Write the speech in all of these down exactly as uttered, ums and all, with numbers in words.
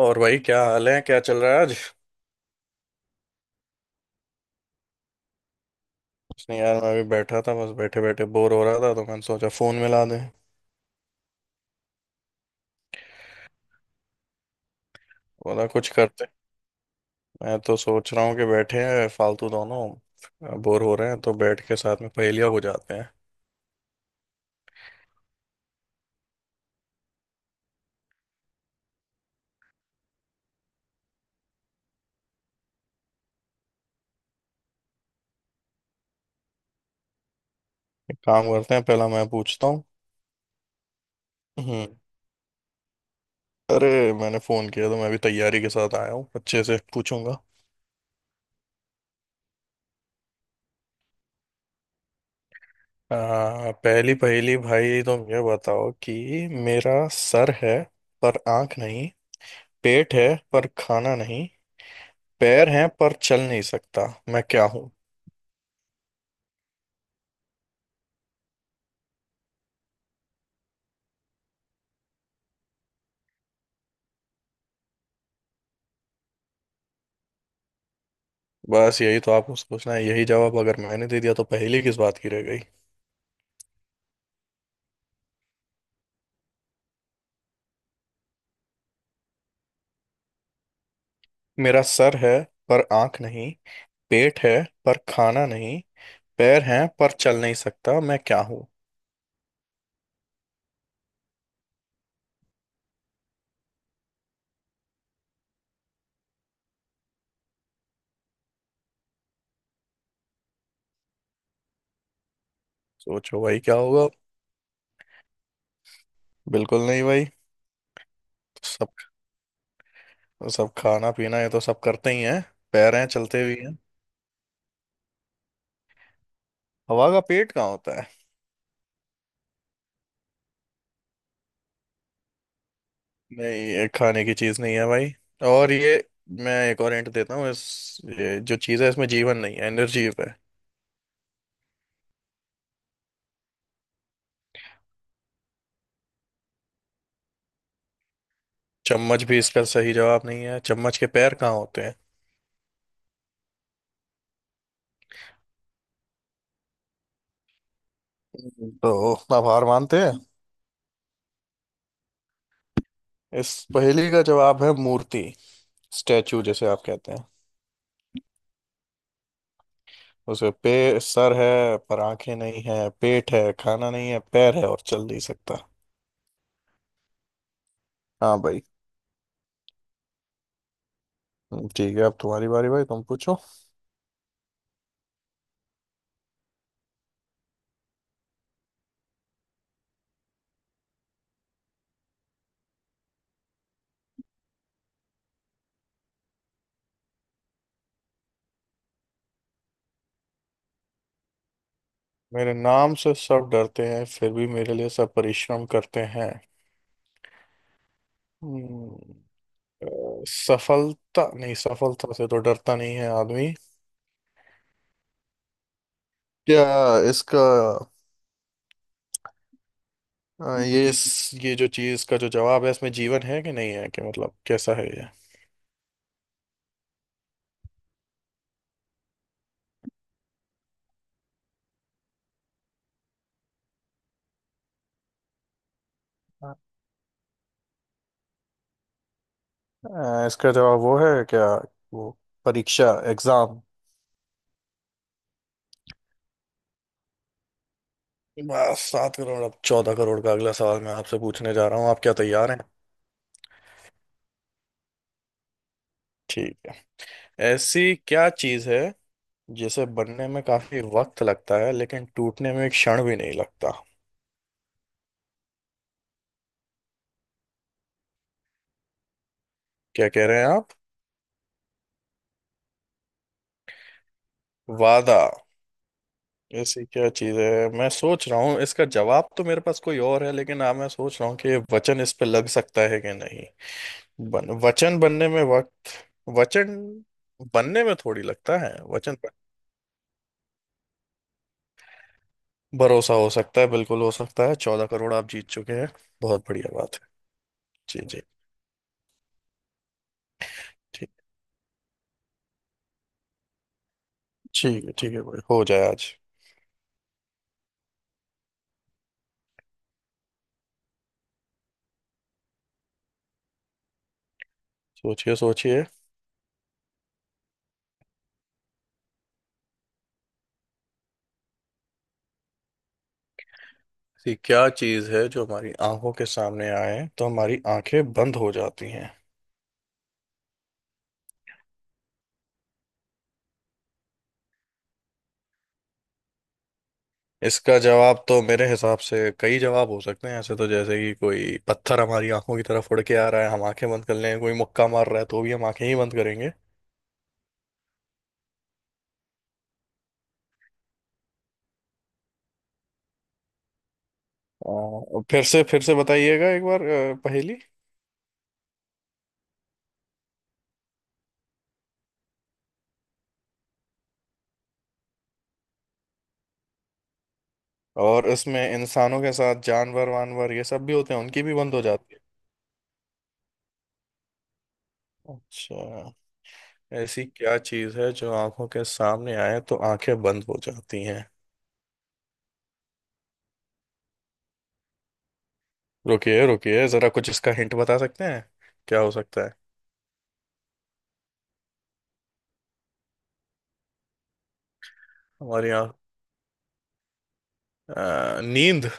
और भाई क्या हाल है, क्या चल रहा है आज। कुछ नहीं यार, मैं भी बैठा था, बस बैठे बैठे बोर हो रहा था तो मैंने सोचा फोन मिला दें। बोला कुछ करते। मैं तो सोच रहा हूँ कि बैठे हैं फालतू, दोनों बोर हो रहे हैं तो बैठ के साथ में पहेलियाँ हो जाते हैं। एक काम करते हैं, पहला मैं पूछता हूँ। हम्म। अरे मैंने फोन किया तो मैं भी तैयारी के साथ आया हूँ, अच्छे से पूछूंगा। आ, पहली पहेली भाई, तुम ये बताओ कि मेरा सर है पर आंख नहीं, पेट है पर खाना नहीं, पैर हैं पर चल नहीं सकता। मैं क्या हूँ? बस यही तो आपको सोचना है, यही जवाब अगर मैंने दे दिया तो पहेली किस बात की रह गई। मेरा सर है पर आंख नहीं, पेट है पर खाना नहीं, पैर हैं पर चल नहीं सकता। मैं क्या हूँ? सोचो भाई, क्या होगा। बिल्कुल नहीं भाई। सब सब खाना पीना ये तो सब करते ही हैं, पैर हैं चलते भी हैं। हवा का पेट कहाँ होता है। नहीं, ये खाने की चीज नहीं है भाई। और ये, मैं एक और हिंट देता हूँ, इस ये जो चीज है इसमें जीवन नहीं है, एनर्जी है। चम्मच भी इसका सही जवाब नहीं है, चम्मच के पैर कहाँ होते हैं। तो आप हार मानते हैं? इस पहेली का जवाब है मूर्ति। स्टैचू जैसे आप कहते हैं। उसे पे सर है पर आंखें नहीं है, पेट है खाना नहीं है, पैर है और चल नहीं सकता। हाँ भाई। ठीक है, अब तुम्हारी बारी भाई, तुम पूछो। मेरे नाम से सब डरते हैं फिर भी मेरे लिए सब परिश्रम करते हैं। हम्म, अ, सफलता? नहीं, सफलता से तो डरता नहीं है आदमी। क्या इसका? हाँ, ये इस ये जो चीज का जो जवाब है इसमें जीवन है कि नहीं है, कि मतलब कैसा है ये। अ, इसका जवाब वो है क्या? वो परीक्षा, एग्जाम। बस सात करोड़। अब चौदह करोड़ का अगला सवाल मैं आपसे पूछने जा रहा हूँ, आप क्या तैयार हैं? ठीक है। ऐसी क्या चीज है जिसे बनने में काफी वक्त लगता है लेकिन टूटने में एक क्षण भी नहीं लगता। क्या कह रहे हैं आप? वादा। ऐसी क्या चीज है, मैं सोच रहा हूँ इसका जवाब तो मेरे पास कोई और है, लेकिन अब मैं सोच रहा हूँ कि वचन इस पे लग सकता है कि नहीं। बन, वचन बनने में वक्त। वचन बनने में थोड़ी लगता है वचन पर। भरोसा हो सकता है, बिल्कुल हो सकता है, चौदह करोड़ आप जीत चुके हैं। बहुत बढ़िया बात है। जी जी। ठीक, ठीक है। ठीक है भाई, हो जाए आज। सोचिए सोचिए। ऐसी क्या चीज है जो हमारी आंखों के सामने आए तो हमारी आंखें बंद हो जाती हैं? इसका जवाब तो मेरे हिसाब से कई जवाब हो सकते हैं ऐसे, तो जैसे कि कोई पत्थर हमारी आंखों की तरफ उड़ के आ रहा है, हम आंखें बंद कर लें, कोई मुक्का मार रहा है तो भी हम आंखें ही बंद करेंगे। अ, फिर से फिर से बताइएगा एक बार अ, पहेली। और इसमें इंसानों के साथ जानवर वानवर ये सब भी होते हैं, उनकी भी बंद हो जाती है। अच्छा। ऐसी क्या चीज़ है जो आंखों के सामने आए तो आंखें बंद हो जाती हैं? रुकिए रुकिए जरा, कुछ इसका हिंट बता सकते हैं, क्या हो सकता है। हमारी आंख, अ, नींद?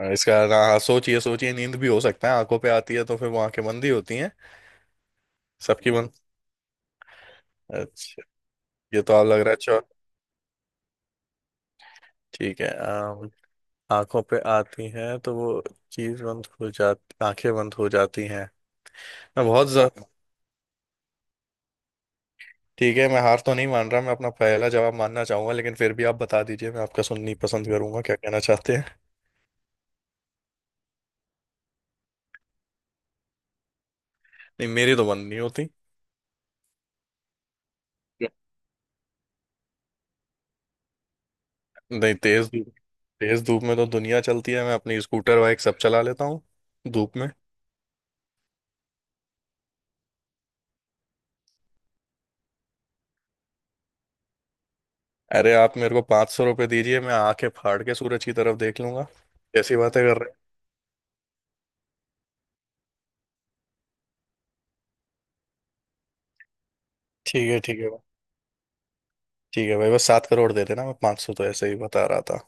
और इसका ना, हाँ सोचिए सोचिए, नींद भी हो सकता है, आंखों पे आती है तो फिर वो आंखें बंद ही होती हैं, सबकी बंद। अच्छा। ये तो आप लग रहा है चौ ठीक है। अम, आंखों पे आती है तो वो चीज बंद हो जाती, आंखें बंद हो जाती हैं। मैं बहुत ज... ठीक है, मैं हार तो नहीं मान रहा, मैं अपना पहला जवाब मानना चाहूंगा, लेकिन फिर भी आप बता दीजिए, मैं आपका सुननी पसंद करूंगा क्या कहना चाहते हैं। नहीं मेरी तो बंद नहीं होती। नहीं, तेज धूप तेज धूप में तो दुनिया चलती है, मैं अपनी स्कूटर बाइक सब चला लेता हूँ धूप में। अरे आप मेरे को पाँच सौ रुपये दीजिए, मैं आंखें फाड़ के सूरज की तरफ देख लूंगा। जैसी बातें कर रहे हैं। ठीक है ठीक है भाई। ठीक है भाई, बस सात करोड़ दे देना, मैं पाँच सौ तो ऐसे ही बता रहा था।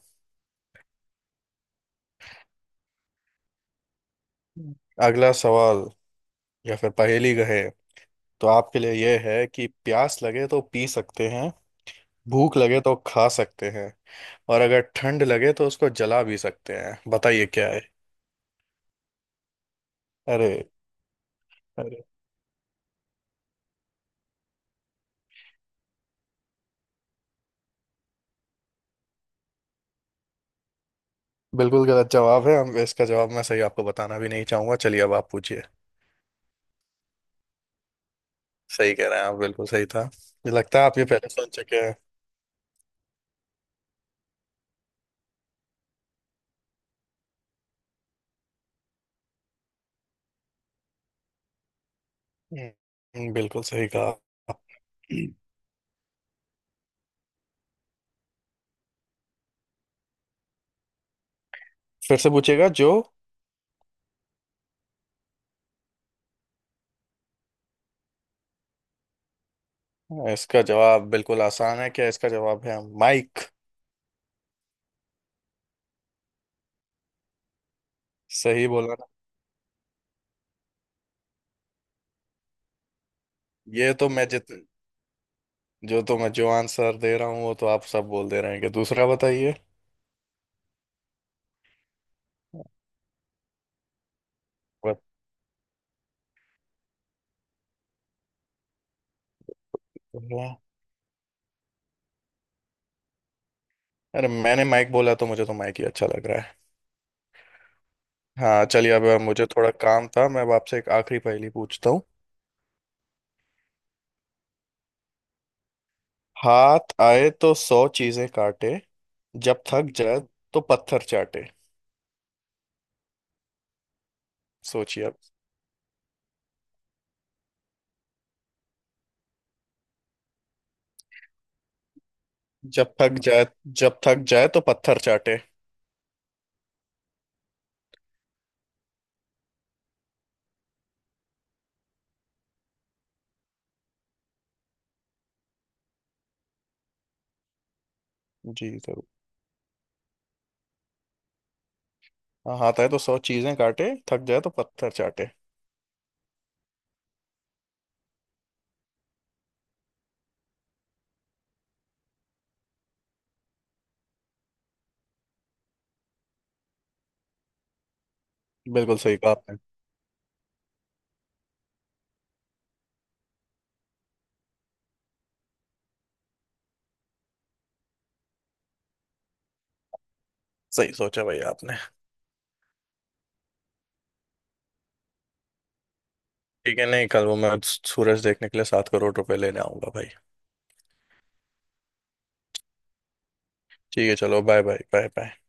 हम्म। अगला सवाल, या फिर पहेली कहे, तो आपके लिए यह है कि प्यास लगे तो पी सकते हैं, भूख लगे तो खा सकते हैं, और अगर ठंड लगे तो उसको जला भी सकते हैं, बताइए क्या है। अरे। अरे बिल्कुल गलत जवाब है हम, इसका जवाब मैं सही आपको बताना भी नहीं चाहूंगा। चलिए अब आप पूछिए। सही कह रहे हैं आप, बिल्कुल सही था, मुझे लगता है आप ये पहले सुन चुके हैं। हम्म, बिल्कुल सही कहा। फिर से पूछेगा? जो इसका जवाब बिल्कुल आसान है, क्या इसका जवाब है माइक। सही बोला ना? ये तो मैं जित जो तो मैं जो आंसर दे रहा हूँ वो तो आप सब बोल दे रहे हैं कि दूसरा बताइए। बताइए। अरे मैंने माइक बोला तो मुझे तो माइक ही अच्छा लग रहा है। हाँ, चलिए अब मुझे थोड़ा काम था, मैं अब आपसे एक आखिरी पहेली पूछता हूँ। हाथ आए तो सौ चीजें काटे, जब थक जाए तो पत्थर चाटे। सोचिए आप। जब थक जाए, जब थक जाए तो पत्थर चाटे। जी जरूर। हाँ, हाथ आए तो सौ चीजें काटे, थक जाए तो पत्थर चाटे। बिल्कुल सही कहा आपने। सही सोचा भाई आपने। ठीक है, नहीं कल वो मैं सूरज देखने के लिए सात करोड़ रुपए लेने आऊंगा भाई। ठीक है चलो बाय बाय बाय बाय।